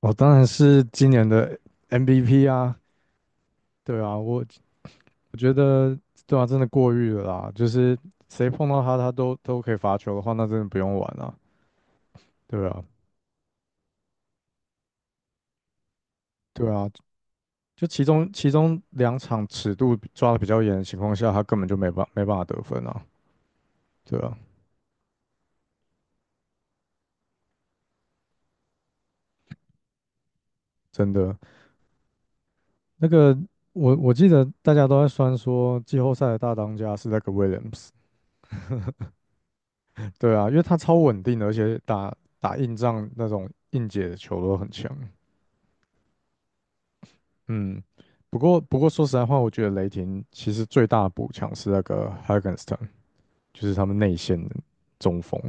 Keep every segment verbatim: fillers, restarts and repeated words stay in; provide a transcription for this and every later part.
我当然是今年的 M V P 啊。对啊，我我觉得。对啊，真的过誉了啦，就是谁碰到他，他都都可以罚球的话，那真的不用玩了。对啊。对啊，就其中其中两场尺度比抓的比较严的情况下，他根本就没办没办法得分啊。对啊，真的。那个我我记得大家都在酸说季后赛的大当家是那个 Williams。对啊，因为他超稳定的，而且打打硬仗那种硬解的球都很强。嗯。不过不过说实在话，我觉得雷霆其实最大的补强是那个 Hagenston，就是他们内线的中锋。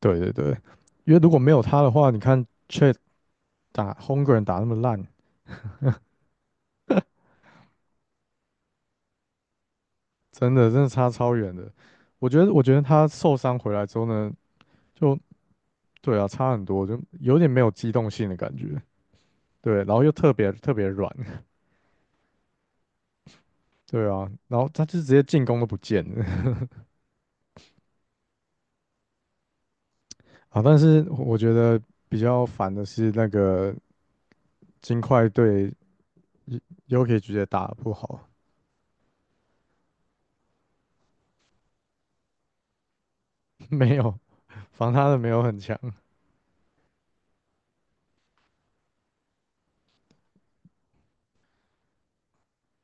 对对对，因为如果没有他的话，你看 Chet 打 Holmgren 打那么烂，真的真的差超远的。我觉得我觉得他受伤回来之后呢，就对啊，差很多，就有点没有机动性的感觉。对，然后又特别特别软，对啊，然后他就直接进攻都不见了 啊。但是我觉得比较烦的是那个金块队又可以直接打得不好。没有，防他的没有很强。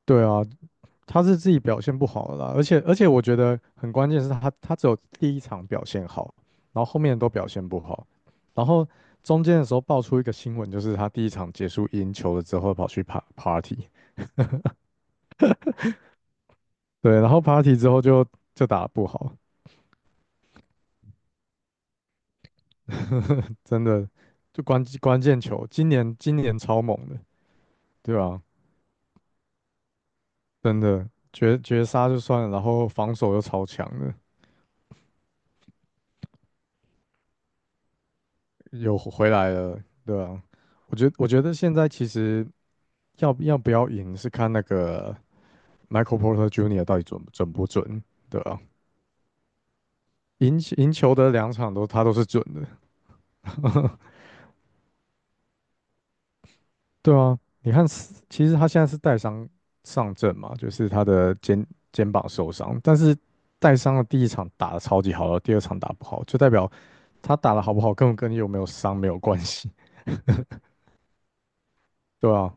对啊，他是自己表现不好了啦，而且而且我觉得很关键是他他只有第一场表现好，然后后面都表现不好，然后中间的时候爆出一个新闻，就是他第一场结束赢球了之后跑去 pa party，对，然后 party 之后就就打得不好。真的就关关键球，今年今年超猛的。对吧？真的绝绝杀就算了，然后防守又超强的。有回来了。对啊，我觉我觉得现在其实要要不要赢是看那个 Michael Porter J R 到底准准不准，对啊，赢赢球的两场都他都是准的。对啊，你看斯，其实他现在是带伤上阵嘛，就是他的肩肩膀受伤，但是带伤的第一场打得超级好了，第二场打不好，就代表他打得好不好根本跟你有没有伤没有关系。对啊。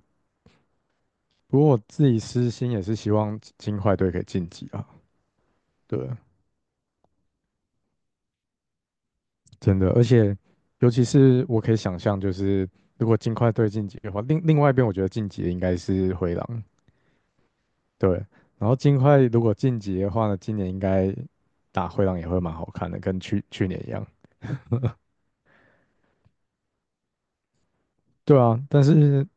不过我自己私心也是希望金块队可以晋级啊。对。真的，而且尤其是我可以想象，就是如果金块对晋级的话，另另外一边我觉得晋级的应该是灰狼。对。然后金块如果晋级的话呢，今年应该打灰狼也会蛮好看的，跟去去年一样。对啊，但是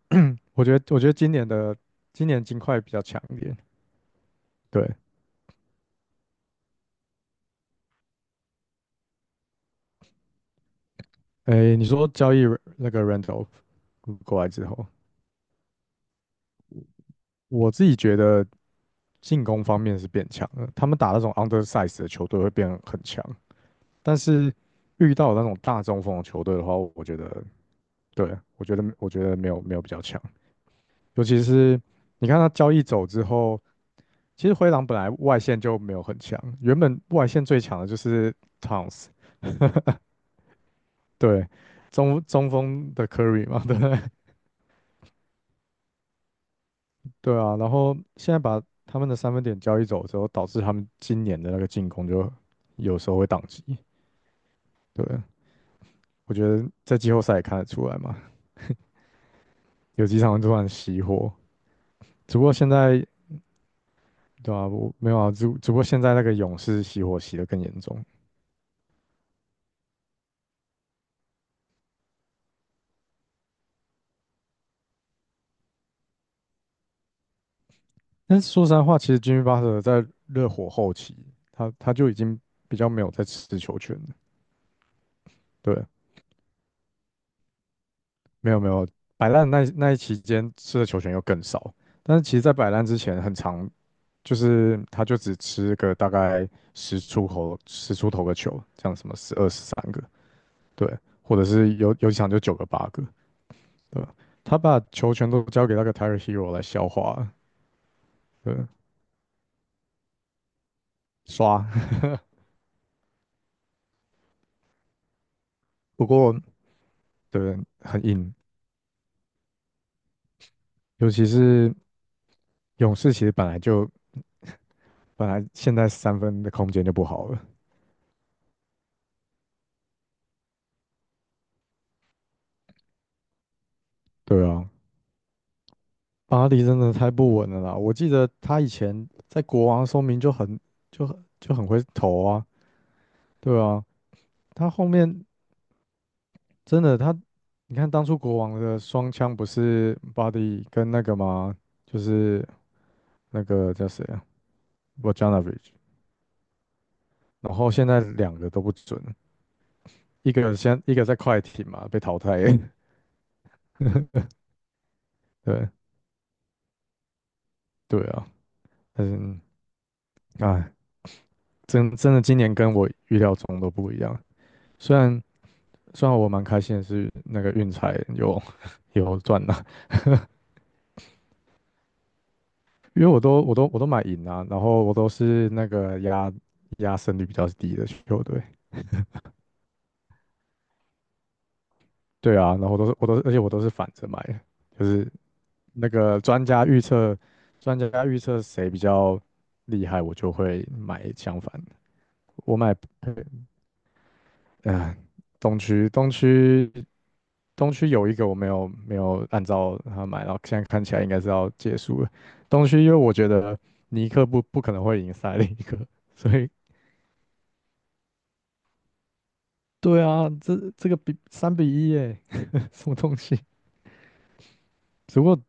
我觉得我觉得今年的今年金块比较强一点。对。诶，你说交易 r- 那个 Randolph 过来之后，我自己觉得进攻方面是变强了，他们打那种 undersize 的球队会变得很强。但是遇到那种大中锋的球队的话，我觉得，对，我觉得，我觉得没有没有比较强。尤其是你看他交易走之后，其实灰狼本来外线就没有很强，原本外线最强的就是 Towns。对，中中锋的 Curry 嘛，对不对？对啊，然后现在把他们的三分点交易走之后，导致他们今年的那个进攻就有时候会宕机。对，我觉得在季后赛也看得出来嘛，有几场突然熄火。只不过现在对啊，我没有啊，只只不过现在那个勇士熄火熄得更严重。但是说实在话，其实 Jimmy Butler 在热火后期，他他就已经比较没有在吃球权了。对，没有没有，摆烂那那一期间吃的球权又更少。但是其实，在摆烂之前，很长就是他就只吃个大概十出头十出头个球，这样什么十二十三个。对，或者是有有几场就九个八个。对吧？他把球权都交给那个 Tyler Hero 来消化了。对。刷。不过对很硬，尤其是勇士其实本来就本来现在三分的空间就不好了。对啊，巴黎真的太不稳了啦。我记得他以前在国王说明就很就很就很会投啊。对啊，他后面真的他，你看当初国王的双枪不是巴黎跟那个吗？就是那个叫谁啊 b o j a n o v i c 然后现在两个都不准，一个先一个在快艇嘛被淘汰，对对啊。嗯，啊，真真的今年跟我预料中都不一样。虽然虽然我蛮开心的是那个运彩有 有赚了。因为我都我都我都买赢啊，然后我都是那个压压胜率比较低的球队。对啊，然后我都是我都是而且我都是反着买的，就是那个专家预测专家预测谁比较厉害，我就会买相反的。我买呃，东区东区东区有一个我没有没有按照他买，然后现在看起来应该是要结束了。东区因为我觉得尼克不不可能会赢塞利克，所以 对啊，这这个比三比一耶，什么东西？只不过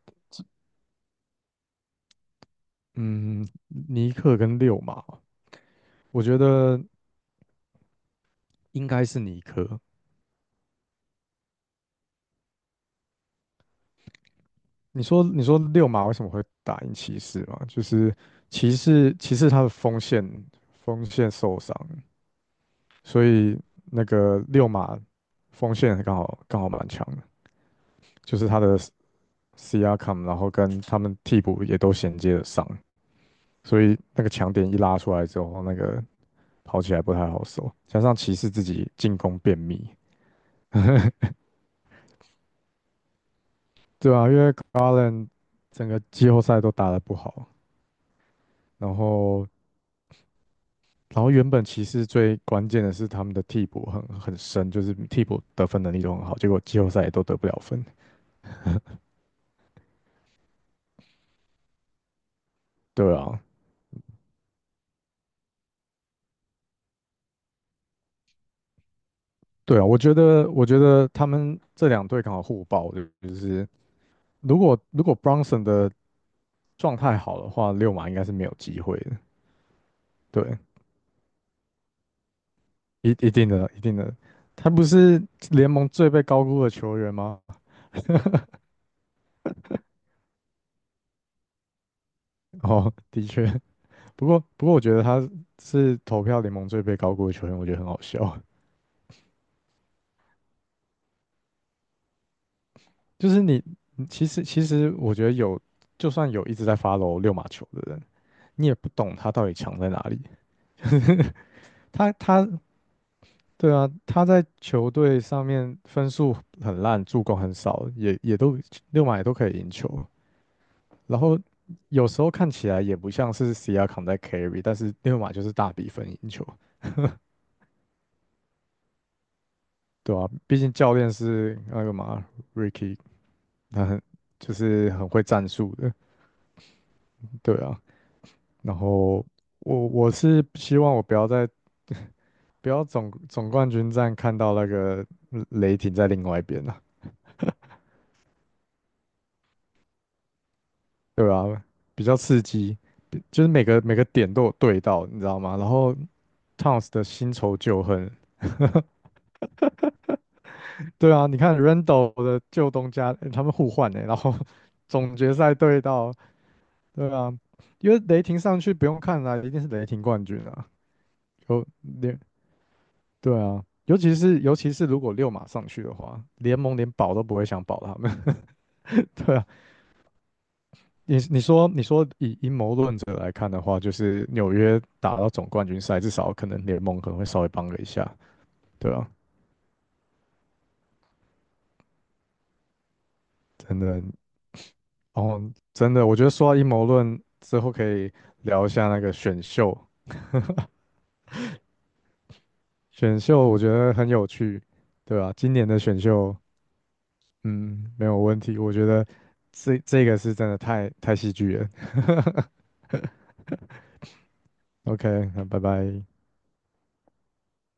嗯，尼克跟六马，我觉得应该是尼克。你说你说六马为什么会打赢骑士嘛？就是骑士骑士他的锋线锋线受伤，所以那个六马锋线刚好刚好蛮强的，就是他的 C R c k a m 然后跟他们替补也都衔接的上，所以那个强点一拉出来之后，那个跑起来不太好守，加上骑士自己进攻便秘。对啊，因为 Garland 整个季后赛都打得不好，然后然后原本骑士最关键的是他们的替补很很深，就是替补得分能力都很好，结果季后赛也都得不了分。对啊。对啊，我觉得，我觉得，他们这两队刚好互爆，就是如果如果 Brunson 的状态好的话，六马应该是没有机会的。对，一一定的，一定的。他不是联盟最被高估的球员吗？哦，的确。不过不过，我觉得他是投票联盟最被高估的球员，我觉得很好笑。就是你，你其实其实我觉得有，就算有一直在 f o 六马球的人，你也不懂他到底强在哪里。他他对啊，他在球队上面分数很烂，助攻很少，也也都六马也都可以赢球。然后有时候看起来也不像是 c R 扛在 carry，但是六马就是大比分赢球。对啊，毕竟教练是那个嘛 Ricky，他很就是很会战术的。对啊。然后我我是希望我不要在不要总总冠军战看到那个雷霆在另外一边啊。对啊，比较刺激，比就是每个每个点都有对到，你知道吗？然后 Towns 的新仇旧恨。对啊，你看 r a n d a l l 的旧东家，呃他们互换哎。然后 总决赛对到。对啊，因为雷霆上去不用看了啊，一定是雷霆冠军啊。有连，对啊，尤其是尤其是如果六马上去的话，联盟连保都不会想保他们。对啊。你你说你说以阴谋论者来看的话，就是纽约打到总冠军赛，至少可能联盟可能会稍微帮了一下。对啊，真的。哦，真的，我觉得说到阴谋论之后，可以聊一下那个选秀。选秀我觉得很有趣。对啊，今年的选秀。嗯，没有问题，我觉得这这个是真的太太戏剧了 ，OK，那拜拜。